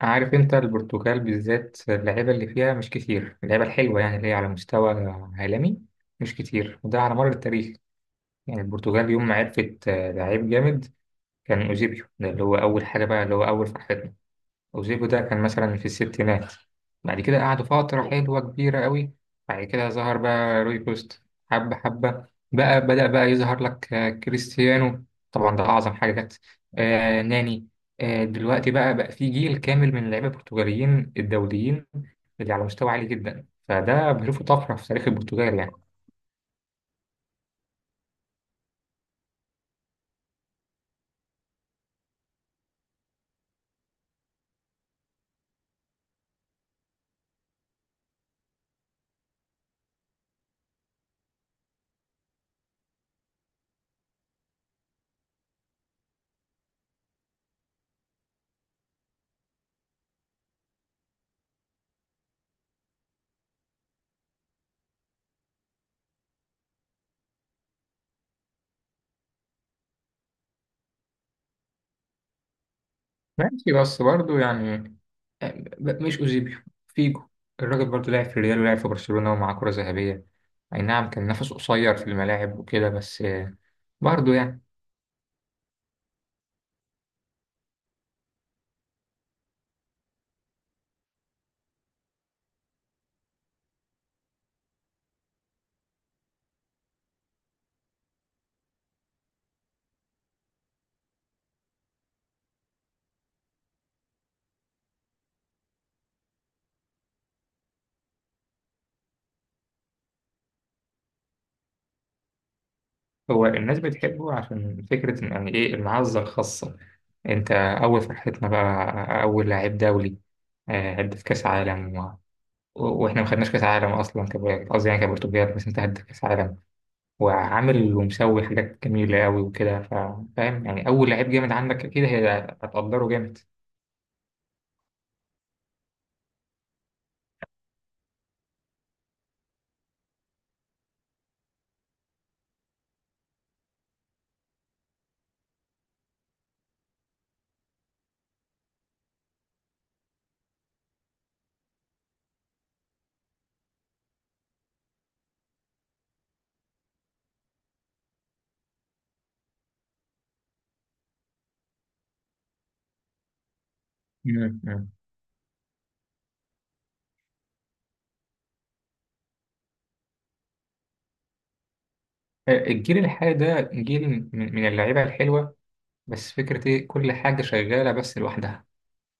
عارف انت، البرتغال بالذات اللعيبه اللي فيها مش كتير، اللعيبه الحلوه يعني اللي هي على مستوى عالمي، مش كتير وده على مر التاريخ. يعني البرتغال يوم ما عرفت لعيب جامد، كان اوزيبيو، ده اللي هو اول حاجه بقى اللي هو اول فرحتنا. وزيكو ده كان مثلا في الستينات، بعد كده قعدوا فترة حلوة كبيرة قوي. بعد كده ظهر بقى روي كوست. حبة حبة. بقى بدأ بقى يظهر لك كريستيانو، طبعا ده أعظم حاجة جت. ناني. دلوقتي بقى في جيل كامل من اللعيبة البرتغاليين الدوليين اللي على مستوى عالي جدا، فده بشوفه طفرة في تاريخ البرتغال يعني. ماشي بس برضه يعني، آه، مش أوزيبيو، فيجو. الراجل برضه لعب في الريال ولعب في برشلونة ومعاه كرة ذهبية. أي نعم كان نفسه قصير في الملاعب وكده، بس برضه يعني. هو الناس بتحبه عشان فكرة يعني إيه المعزة الخاصة، أنت أول فرحتنا بقى أول لاعب دولي، هدف كأس عالم و... و- وإحنا ما خدناش كأس عالم أصلا، قصدي يعني كبرتغال، بس أنت هدف كأس عالم وعامل ومسوي حاجات جميلة أوي وكده، فاهم يعني، أول لعيب جامد عندك أكيد هتقدره جامد. مم. مم. الجيل الحالي ده جيل من اللعيبة الحلوة، بس فكرة إيه، كل حاجة شغالة بس لوحدها،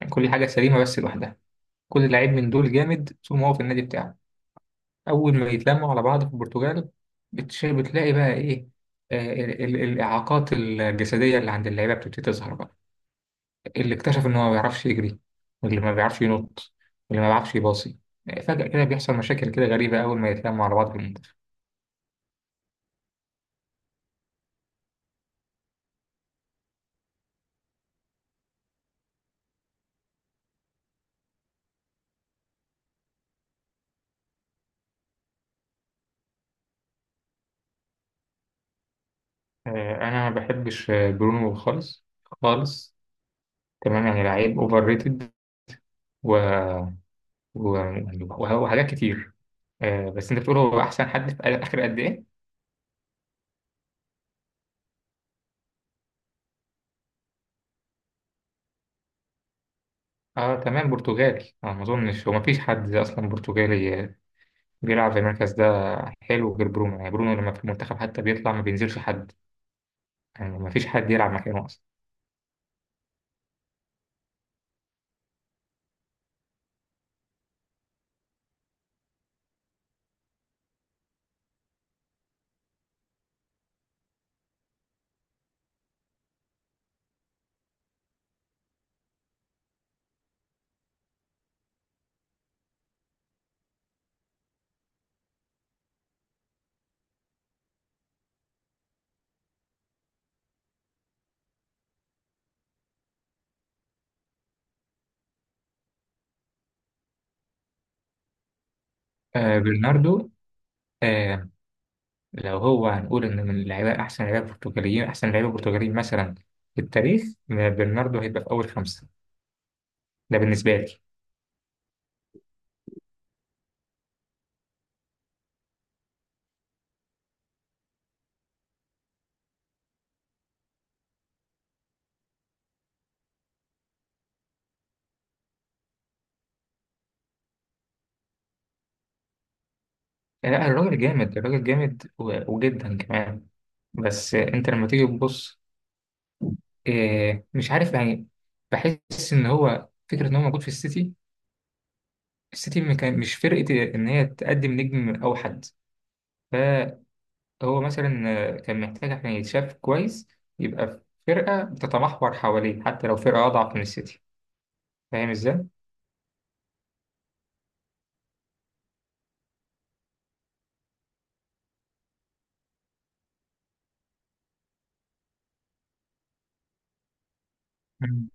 يعني كل حاجة سليمة بس لوحدها. كل لعيب من دول جامد طول ما هو في النادي بتاعه، أول ما يتلموا على بعض في البرتغال، بتلاقي بقى إيه، الإعاقات الجسدية اللي عند اللعيبة بتبتدي تظهر بقى. اللي اكتشف إن هو ما بيعرفش يجري، واللي ما بيعرفش ينط، واللي ما بيعرفش يباصي، فجأة كده بيحصل مشاكل كده غريبة أول ما يتلموا على بعض في المنتخب. أنا ما بحبش برونو خالص، خالص. تمام يعني لعيب أوفر ريتد و... و... وحاجات كتير. بس أنت بتقول هو أحسن حد في آخر قد إيه؟ اه تمام، برتغالي انا ما اظنش، هو ما فيش حد اصلا برتغالي بيلعب في المركز ده حلو غير برونو. يعني برونو لما في المنتخب حتى بيطلع ما بينزلش حد، يعني ما فيش حد يلعب مكانه اصلا. برناردو. آه لو هو هنقول إن من اللعيبة أحسن لعيبة برتغاليين، أحسن لعيبة برتغاليين مثلا في التاريخ، برناردو هيبقى في أول خمسة، ده بالنسبة لي. آه لا، الراجل جامد، الراجل جامد وجدا كمان، بس انت لما تيجي تبص، إيه مش عارف يعني، بحس ان هو فكره ان هو موجود في السيتي، السيتي ما كان- مش فرقه ان هي تقدم نجم اوحد، هو مثلا كان محتاج عشان يتشاف كويس، يبقى في فرقة بتتمحور حواليه حتى لو فرقة أضعف من السيتي. فاهم إزاي؟ مم.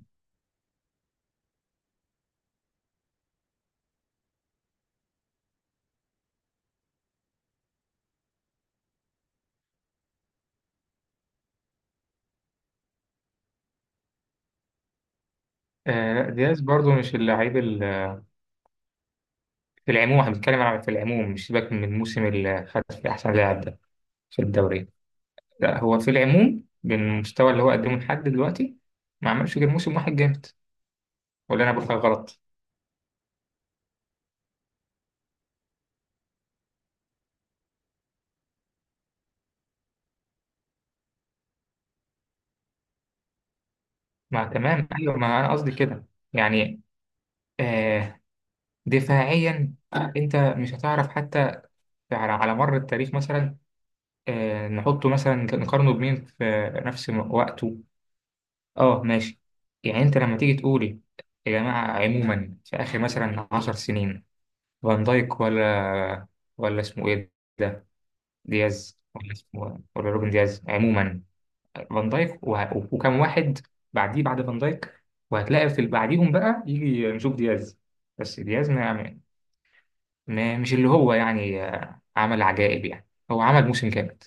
آه لا، دياز برضو مش اللعيب في العموم. احنا بنتكلم على في العموم، مش سيبك من الموسم اللي خد فيه أحسن لاعب ده في الدوري، لا هو في العموم بالمستوى اللي هو قدمه لحد دلوقتي ما عملش غير موسم واحد جامد. ولا أنا بقول حاجة غلط؟ ما تمام، أيوه، ما أنا قصدي كده، يعني آه دفاعيا، أنت مش هتعرف حتى على مر التاريخ، مثلا نحطه مثلا، نقارنه بمين في نفس وقته. اه ماشي. يعني انت لما تيجي تقولي، يا جماعة عموما في آخر مثلا 10 سنين، فان دايك ولا اسمه ايه، ده دياز، ولا اسمه، ولا روبن دياز عموما، فان دايك وكم واحد بعديه بعد فان دايك، وهتلاقي في اللي بعديهم بقى يجي نشوف دياز. بس دياز مش اللي هو يعني عمل عجائب، يعني هو عمل موسم كامل.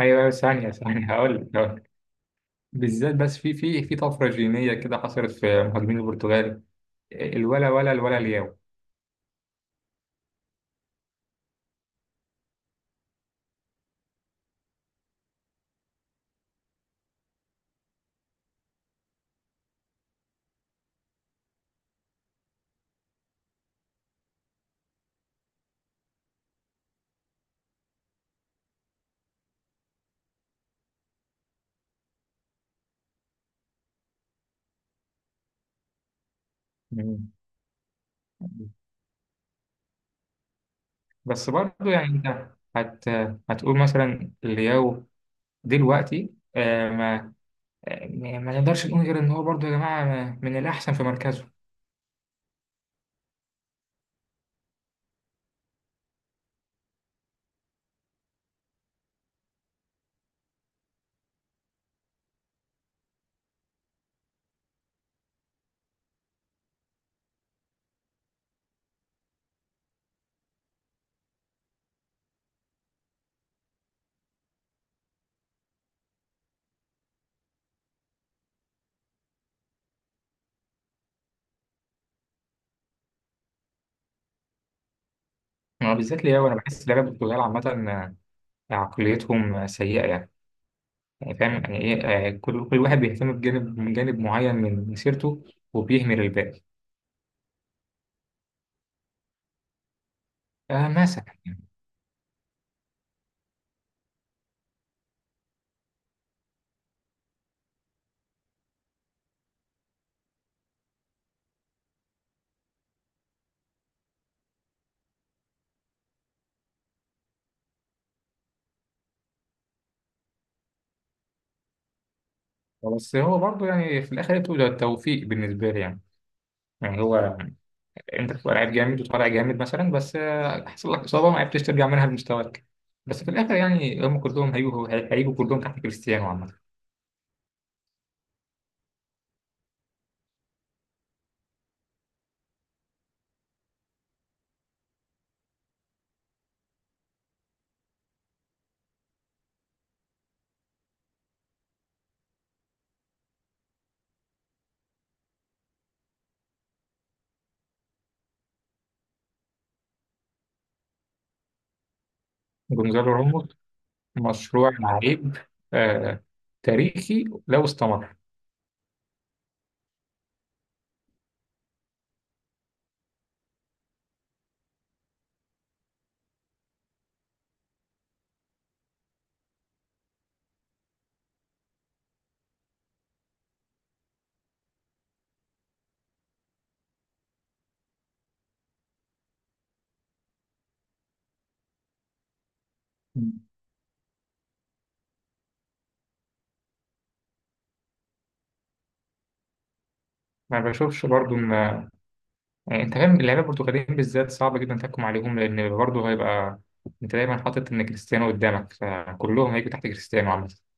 ايوه، أيوة، ثانية ثانية هقول لك، بالذات بس في طفره جينيه كده حصلت في مهاجمين البرتغال، الولا ولا الولا الياو. مم. بس برضه يعني انت هت هتقول مثلا لياو دلوقتي، ما نقدرش نقول غير ان هو برضه يا جماعه من الاحسن في مركزه. هو بالذات لياو، انا بحس لعيبه البرتغال عامه عقليتهم سيئه يعني، يعني فاهم يعني ايه، كل واحد بيهتم بجانب من جانب معين من مسيرته وبيهمل الباقي. مثلا يعني. بس هو برضه يعني في الاخر بتبقى توفيق بالنسبه لي، يعني يعني هو انت بتبقى لعيب جامد وطالع جامد مثلا، بس حصل لك اصابه ما عرفتش ترجع منها لمستواك، بس في الاخر يعني هم كلهم هيجوا هيجوا كلهم تحت كريستيانو عامه. جونزالو راموس مشروع لعيب آه تاريخي لو استمر. ما بشوفش برضه ان، يعني انت فاهم اللعيبه البرتغاليين بالذات صعب جدا تحكم عليهم، لان برضه هيبقى انت دايما حاطط ان كريستيانو قدامك، فكلهم هيجوا تحت كريستيانو عامه.